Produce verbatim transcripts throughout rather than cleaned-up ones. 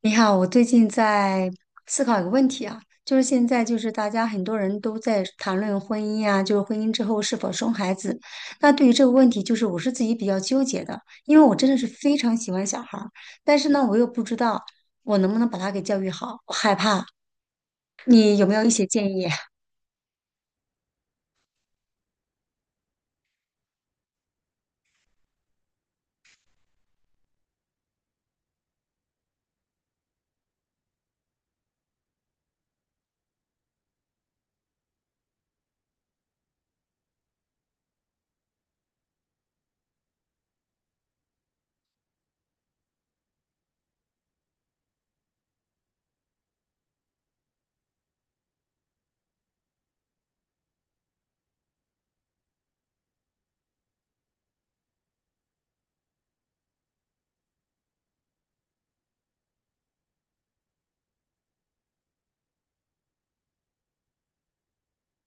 你好，我最近在思考一个问题啊，就是现在就是大家很多人都在谈论婚姻啊，就是婚姻之后是否生孩子。那对于这个问题，就是我是自己比较纠结的，因为我真的是非常喜欢小孩儿，但是呢，我又不知道我能不能把他给教育好，我害怕。你有没有一些建议？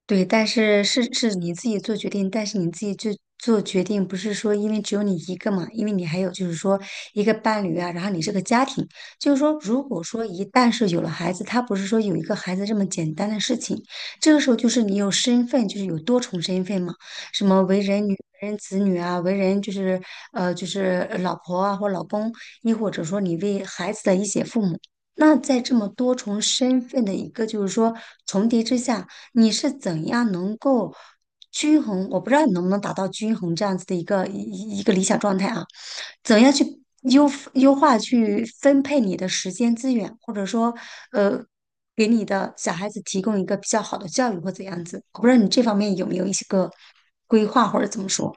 对，但是是是你自己做决定，但是你自己就做决定，不是说因为只有你一个嘛，因为你还有就是说一个伴侣啊，然后你这个家庭，就是说如果说一旦是有了孩子，他不是说有一个孩子这么简单的事情，这个时候就是你有身份，就是有多重身份嘛，什么为人女、为人子女啊，为人就是呃就是老婆啊或老公，亦或者说你为孩子的一些父母。那在这么多重身份的一个就是说重叠之下。你是怎样能够均衡？我不知道你能不能达到均衡这样子的一个一一个理想状态啊？怎样去优优化去分配你的时间资源，或者说呃，给你的小孩子提供一个比较好的教育或怎样子？我不知道你这方面有没有一些个规划或者怎么说，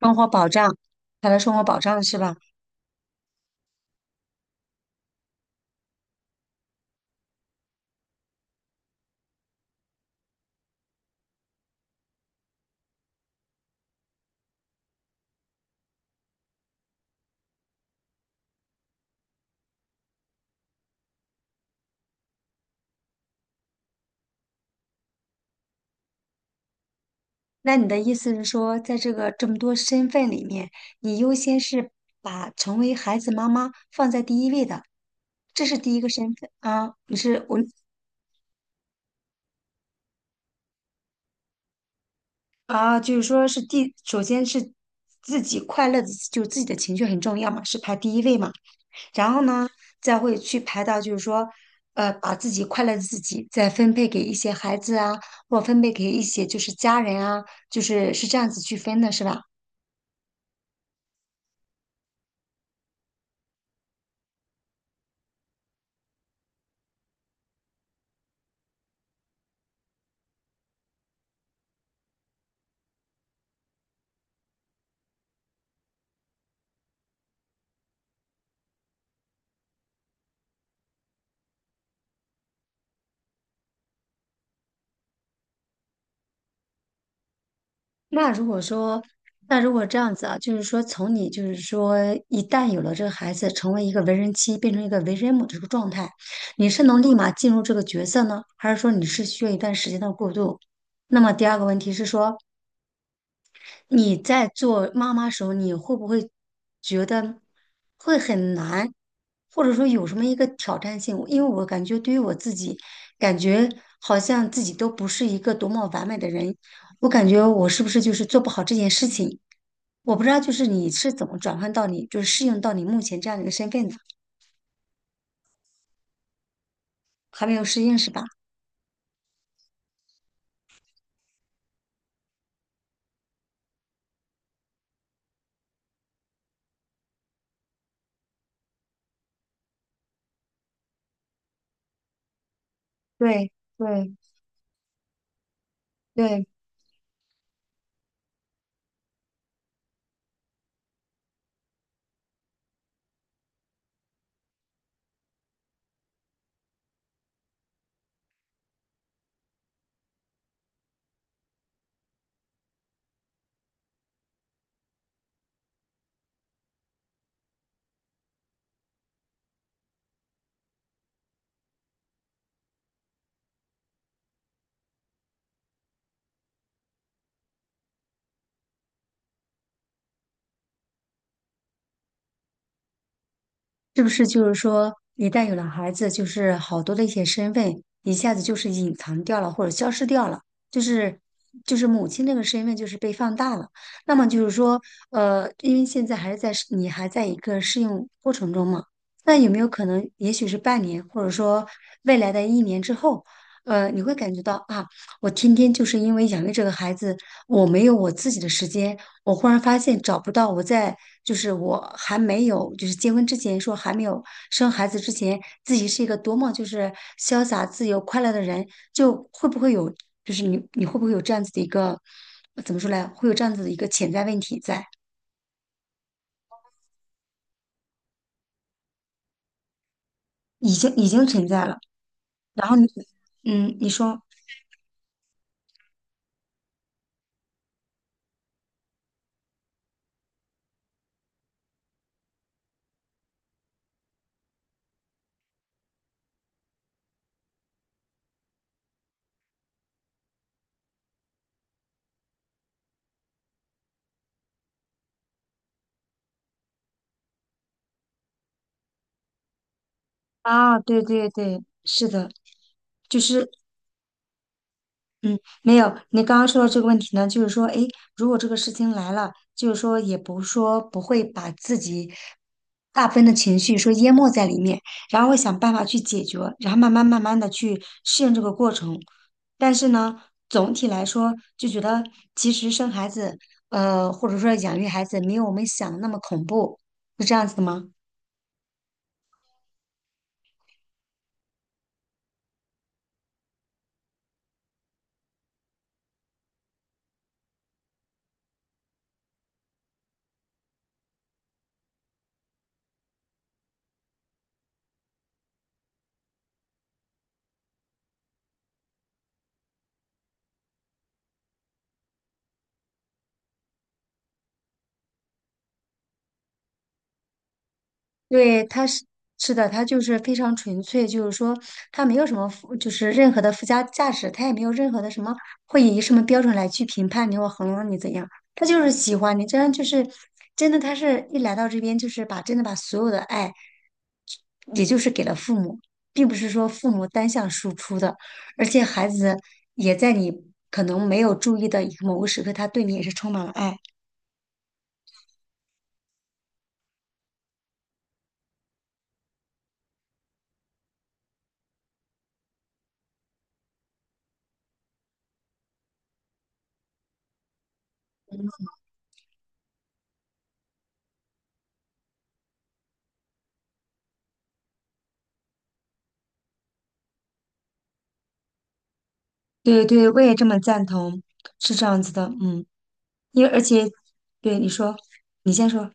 生活保障，他的生活保障是吧？那你的意思是说，在这个这么多身份里面，你优先是把成为孩子妈妈放在第一位的，这是第一个身份啊？你是我啊，就是说是第，首先是自己快乐的，就自己的情绪很重要嘛，是排第一位嘛。然后呢，再会去排到就是说，呃，把自己快乐的自己再分配给一些孩子啊，或分配给一些就是家人啊，就是是这样子去分的，是吧？那如果说，那如果这样子啊，就是说，从你就是说，一旦有了这个孩子成为一个为人妻，变成一个为人母的这个状态，你是能立马进入这个角色呢，还是说你是需要一段时间的过渡？那么第二个问题是说，你在做妈妈时候，你会不会觉得会很难，或者说有什么一个挑战性？因为我感觉对于我自己，感觉好像自己都不是一个多么完美的人，我感觉我是不是就是做不好这件事情？我不知道，就是你是怎么转换到你，就是适应到你目前这样的一个身份的，还没有适应是吧？对对对。是不是就是说，一旦有了孩子，就是好多的一些身份一下子就是隐藏掉了，或者消失掉了，就是就是母亲这个身份就是被放大了。那么就是说，呃，因为现在还是在适你还在一个适应过程中嘛，那有没有可能，也许是半年，或者说未来的一年之后，呃，你会感觉到啊，我天天就是因为养育这个孩子。我没有我自己的时间，我忽然发现找不到我在，就是我还没有，就是结婚之前说还没有生孩子之前，自己是一个多么就是潇洒、自由、快乐的人，就会不会有，就是你你会不会有这样子的一个，怎么说来，会有这样子的一个潜在问题在，已经已经存在了。然后你，嗯，你说啊，对对对，是的，就是嗯，没有。你刚刚说的这个问题呢，就是说，诶，如果这个事情来了，就是说，也不说不会把自己大部分的情绪说淹没在里面，然后会想办法去解决，然后慢慢慢慢的去适应这个过程。但是呢，总体来说，就觉得其实生孩子，呃，或者说养育孩子，没有我们想的那么恐怖，是这样子的吗？对，他是是的，他就是非常纯粹，就是说他没有什么附就是任何的附加价值，他也没有任何的什么会以什么标准来去评判你或衡量你怎样，他就是喜欢你，这样就是真的，他是一来到这边就是把真的把所有的爱，也就是给了父母，并不是说父母单向输出的，而且孩子也在你可能没有注意的某个时刻，他对你也是充满了爱。对对，我也这么赞同，是这样子的，嗯。因为而且，对你说，你先说，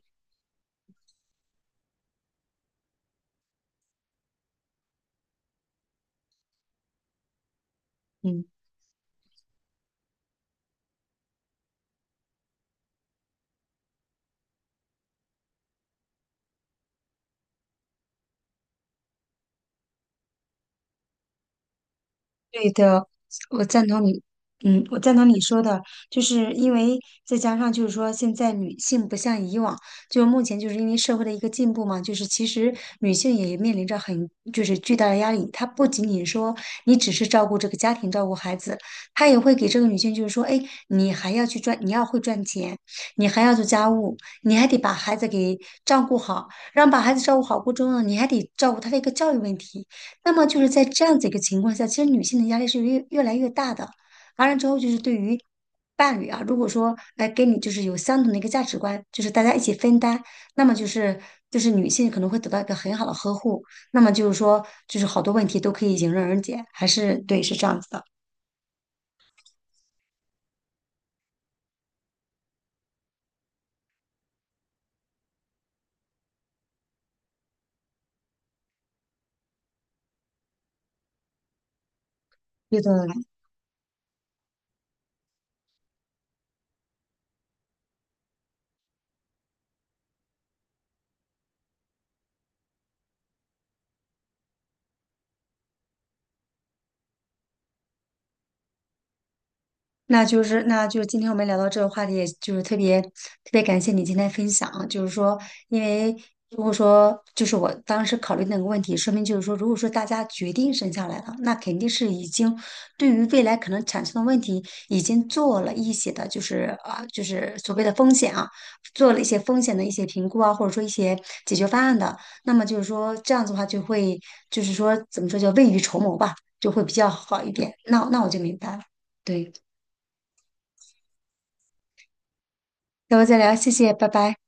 嗯。对的，我赞同你，嗯，我赞同你说的，就是因为再加上就是说，现在女性不像以往，就目前就是因为社会的一个进步嘛，就是其实女性也面临着很就是巨大的压力，她不仅仅说你只是照顾这个家庭、照顾孩子，她也会给这个女性就是说，哎，你还要去赚，你要会赚钱，你还要做家务，你还得把孩子给照顾好，让把孩子照顾好过程中呢，你还得照顾他的一个教育问题。那么就是在这样子一个情况下，其实女性的压力是越越来越大的。完了之后，就是对于伴侣啊，如果说哎跟你就是有相同的一个价值观，就是大家一起分担，那么就是就是女性可能会得到一个很好的呵护。那么就是说，就是好多问题都可以迎刃而解，还是对，是这样子的。对的，那就是，那就是今天我们聊到这个话题，也就是特别特别感谢你今天分享啊，就是说，因为如果说就是我当时考虑那个问题，说明就是说，如果说大家决定生下来了，那肯定是已经对于未来可能产生的问题已经做了一些的，就是啊，就是所谓的风险啊，做了一些风险的一些评估啊，或者说一些解决方案的，那么就是说这样子的话，就会就是说怎么说叫未雨绸缪吧，就会比较好一点。那那我就明白了，对。那我再聊，谢谢，拜拜。